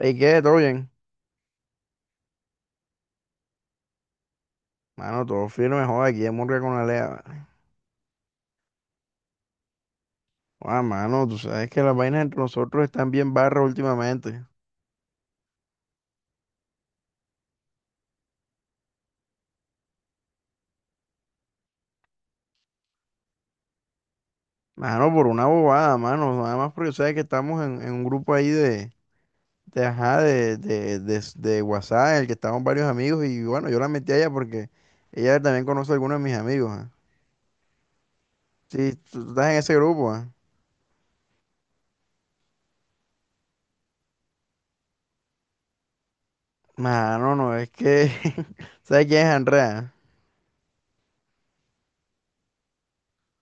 ¿Y qué? ¿Todo bien? Mano, todo firme, joder, aquí en Murga con Alea. Vale. Joda, mano, tú sabes que las vainas entre nosotros están bien barras últimamente. Mano, por una bobada, mano. Nada más porque sabes que estamos en un grupo ahí de, ajá, de WhatsApp, en el que estamos varios amigos. Y bueno, yo la metí a ella porque ella también conoce a algunos de mis amigos. Ah. Sí, tú estás en ese grupo, ah. Mano, no, es que... ¿Sabes quién es Andrea?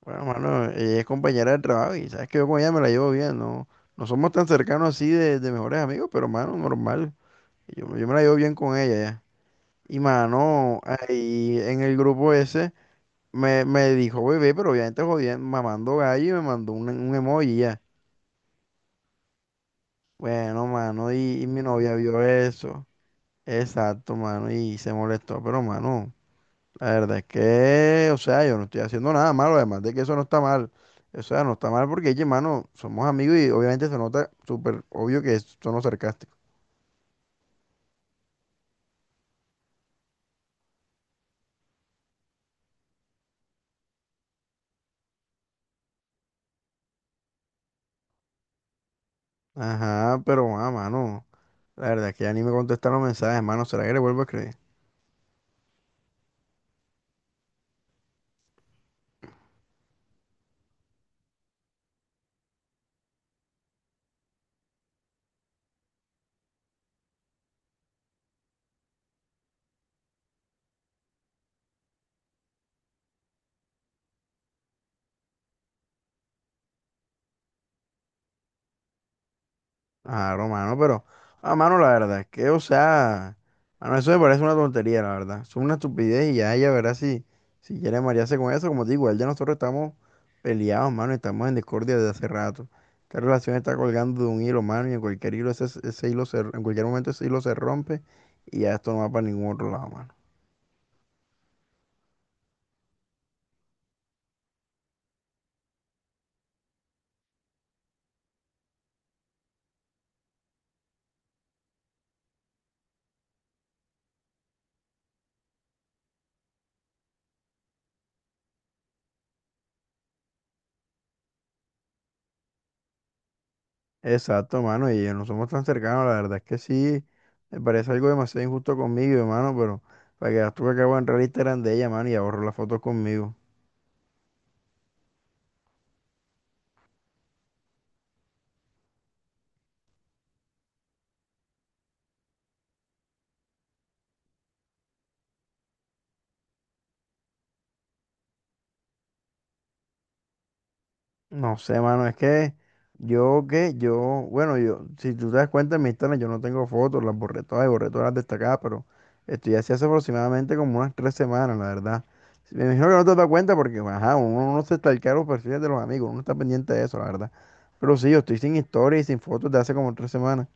Bueno, mano, ella es compañera del trabajo y sabes que yo con ella me la llevo bien, no, no somos tan cercanos así de mejores amigos, pero mano, normal. Yo me la llevo bien con ella ya. Y mano, ahí en el grupo ese me dijo bebé, pero obviamente jodiendo, mamando gallo y me mandó un emoji ya. Bueno, mano, y mi novia vio eso. Exacto, mano, y se molestó, pero mano. La verdad es que, o sea, yo no estoy haciendo nada malo, además de que eso no está mal. O sea, no está mal porque, oye, mano, somos amigos y obviamente se nota súper obvio que es tono sarcástico. Ajá, pero, ah, mano, la verdad es que ya ni me contestan los mensajes, mano, ¿será que le vuelvo a escribir? Claro, mano, pero, ah, mano, la verdad es que, o sea, mano, eso me parece una tontería, la verdad. Es una estupidez y ya ella verá si, si quiere marearse con eso. Como te digo, él ya nosotros estamos peleados, mano, y estamos en discordia desde hace rato. Esta relación está colgando de un hilo, mano, y en cualquier hilo ese, ese hilo se, en cualquier momento ese hilo se rompe y ya esto no va para ningún otro lado, mano. Exacto, mano, y no somos tan cercanos, la verdad es que sí, me parece algo demasiado injusto conmigo, hermano, pero para que tú que acabo de entrar al Instagram de ella, mano, y ahorro las fotos conmigo. No sé, mano, es que yo que yo, bueno, yo, si tú te das cuenta en mi Instagram, yo no tengo fotos, las borré todas y borré todas las destacadas, pero esto ya se hace aproximadamente como unas tres semanas, la verdad. Sí, me imagino que no te das cuenta porque, ajá, uno no se stalkea los perfiles de los amigos, uno está pendiente de eso, la verdad. Pero sí, yo estoy sin historia y sin fotos de hace como tres semanas.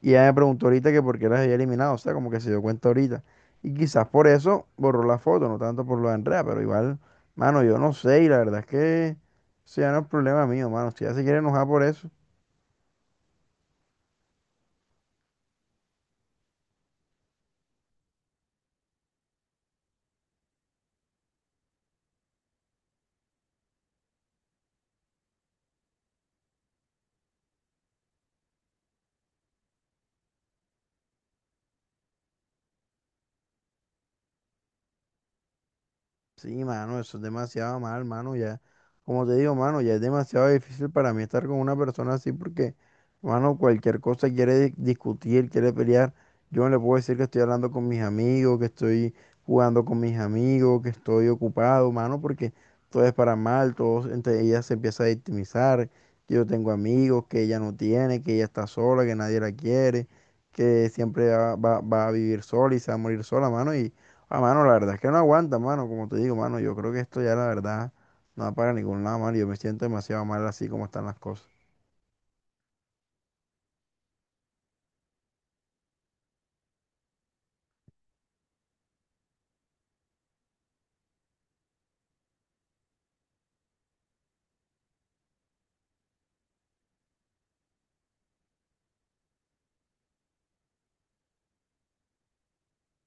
Y ella me preguntó ahorita que por qué las había eliminado, o sea, como que se dio cuenta ahorita. Y quizás por eso borró la foto, no tanto por lo de Andrea, pero igual, mano, yo no sé, y la verdad es que. Eso ya no es problema mío, mano. Si ya se quiere enojar por eso. Sí, mano, eso es demasiado mal, mano, ya. Como te digo, mano, ya es demasiado difícil para mí estar con una persona así porque, mano, cualquier cosa quiere discutir, quiere pelear. Yo no le puedo decir que estoy hablando con mis amigos, que estoy jugando con mis amigos, que estoy ocupado, mano, porque todo es para mal, todo, entre ella se empieza a victimizar, que yo tengo amigos, que ella no tiene, que ella está sola, que nadie la quiere, que siempre va a vivir sola y se va a morir sola, mano. Ah, mano, la verdad es que no aguanta, mano, como te digo, mano, yo creo que esto ya la verdad no va para ningún lado, mano, yo me siento demasiado mal así como están las cosas.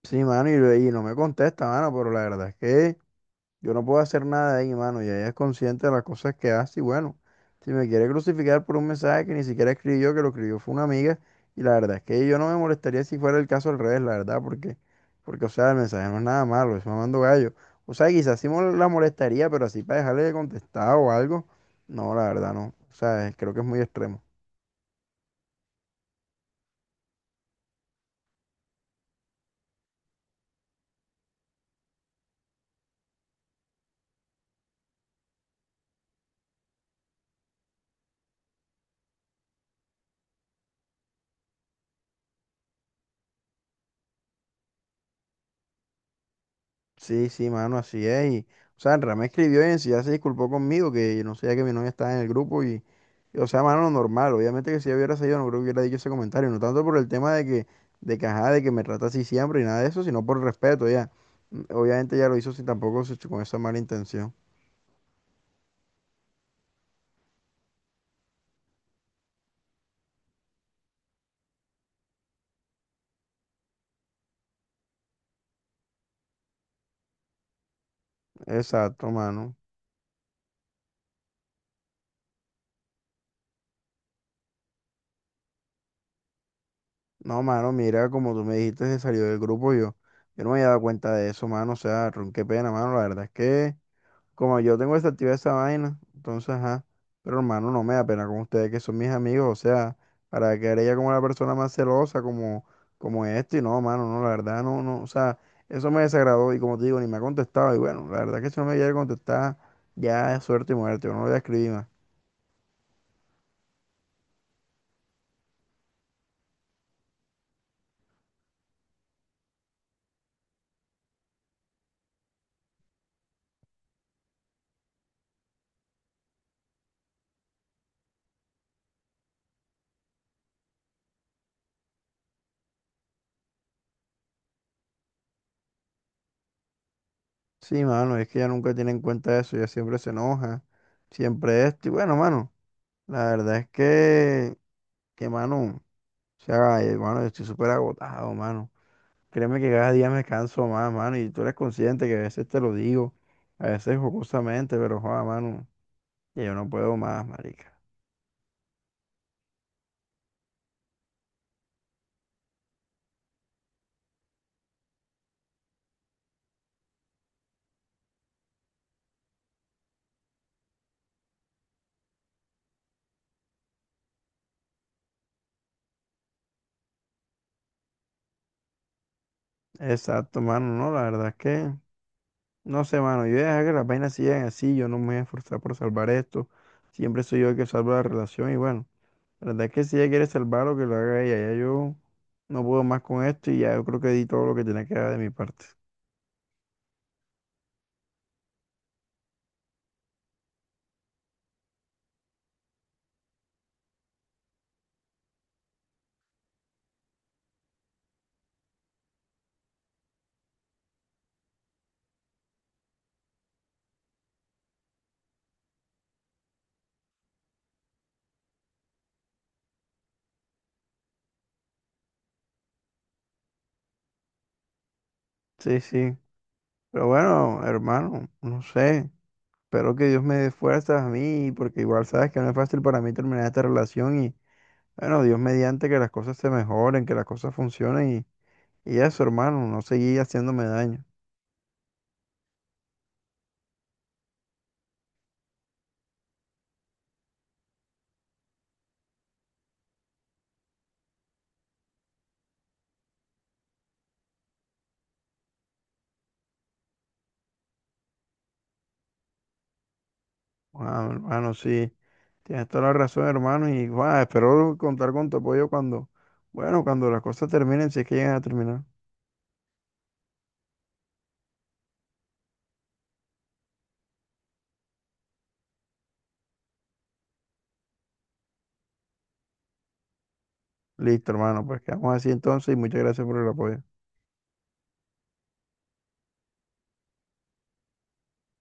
Sí, mano, y no me contesta, mano, pero la verdad es que yo no puedo hacer nada de ahí, mano. Y ella es consciente de las cosas que hace. Y bueno, si me quiere crucificar por un mensaje que ni siquiera escribí yo, que lo escribió fue una amiga. Y la verdad es que yo no me molestaría si fuera el caso al revés, la verdad, porque, o sea, el mensaje no es nada malo, es mamando gallo. O sea, quizás sí la molestaría, pero así para dejarle de contestar o algo, no, la verdad no. O sea, creo que es muy extremo. Sí, sí, mano, así es. Y, o sea, Andrea me escribió y en sí ya se disculpó conmigo, que no sabía que mi novia estaba en el grupo y, o sea, mano, normal. Obviamente que si yo hubiera salido, no creo que hubiera dicho ese comentario, no tanto por el tema de que, ajá, de que me trata así siempre y nada de eso, sino por respeto, ya. Mm. Obviamente ya lo hizo sin tampoco con esa mala intención. Exacto, mano. No, mano, mira, como tú me dijiste, se salió del grupo yo. Yo no me había dado cuenta de eso, mano. O sea, ron, qué pena, mano. La verdad es que como yo tengo desactivada esa vaina, entonces, ajá. Pero hermano, no me da pena con ustedes que son mis amigos, o sea, para quedar ella como la persona más celosa, como, como esto, y no, mano, no, la verdad, no, no, o sea, eso me desagradó, y como te digo, ni me ha contestado, y bueno, la verdad que si no me llega a contestar, ya es suerte y muerte, yo no le voy a escribir más. Sí, mano, es que ella nunca tiene en cuenta eso, ella siempre se enoja, siempre esto, y bueno, mano, la verdad es que, mano, o sea, ay, hermano, yo estoy súper agotado, mano. Créeme que cada día me canso más, mano, y tú eres consciente que a veces te lo digo, a veces jocosamente, pero joda, mano, que yo no puedo más, marica. Exacto, mano, no, la verdad es que, no sé, mano, yo voy a dejar que las vainas sigan así, yo no me voy a esforzar por salvar esto, siempre soy yo el que salvo la relación, y bueno, la verdad es que si ella quiere salvarlo, que lo haga ella, ya yo no puedo más con esto, y ya yo creo que di todo lo que tenía que dar de mi parte. Sí, sí, pero bueno, hermano, no sé. Espero que Dios me dé fuerzas a mí, porque igual sabes que no es fácil para mí terminar esta relación y bueno, Dios mediante que las cosas se mejoren, que las cosas funcionen y eso, hermano, no seguir haciéndome daño. Wow, hermano, sí, tienes toda la razón, hermano, y guau, espero contar con tu apoyo cuando, bueno, cuando las cosas terminen, si es que llegan a terminar. Listo, hermano, pues quedamos así entonces y muchas gracias por el apoyo.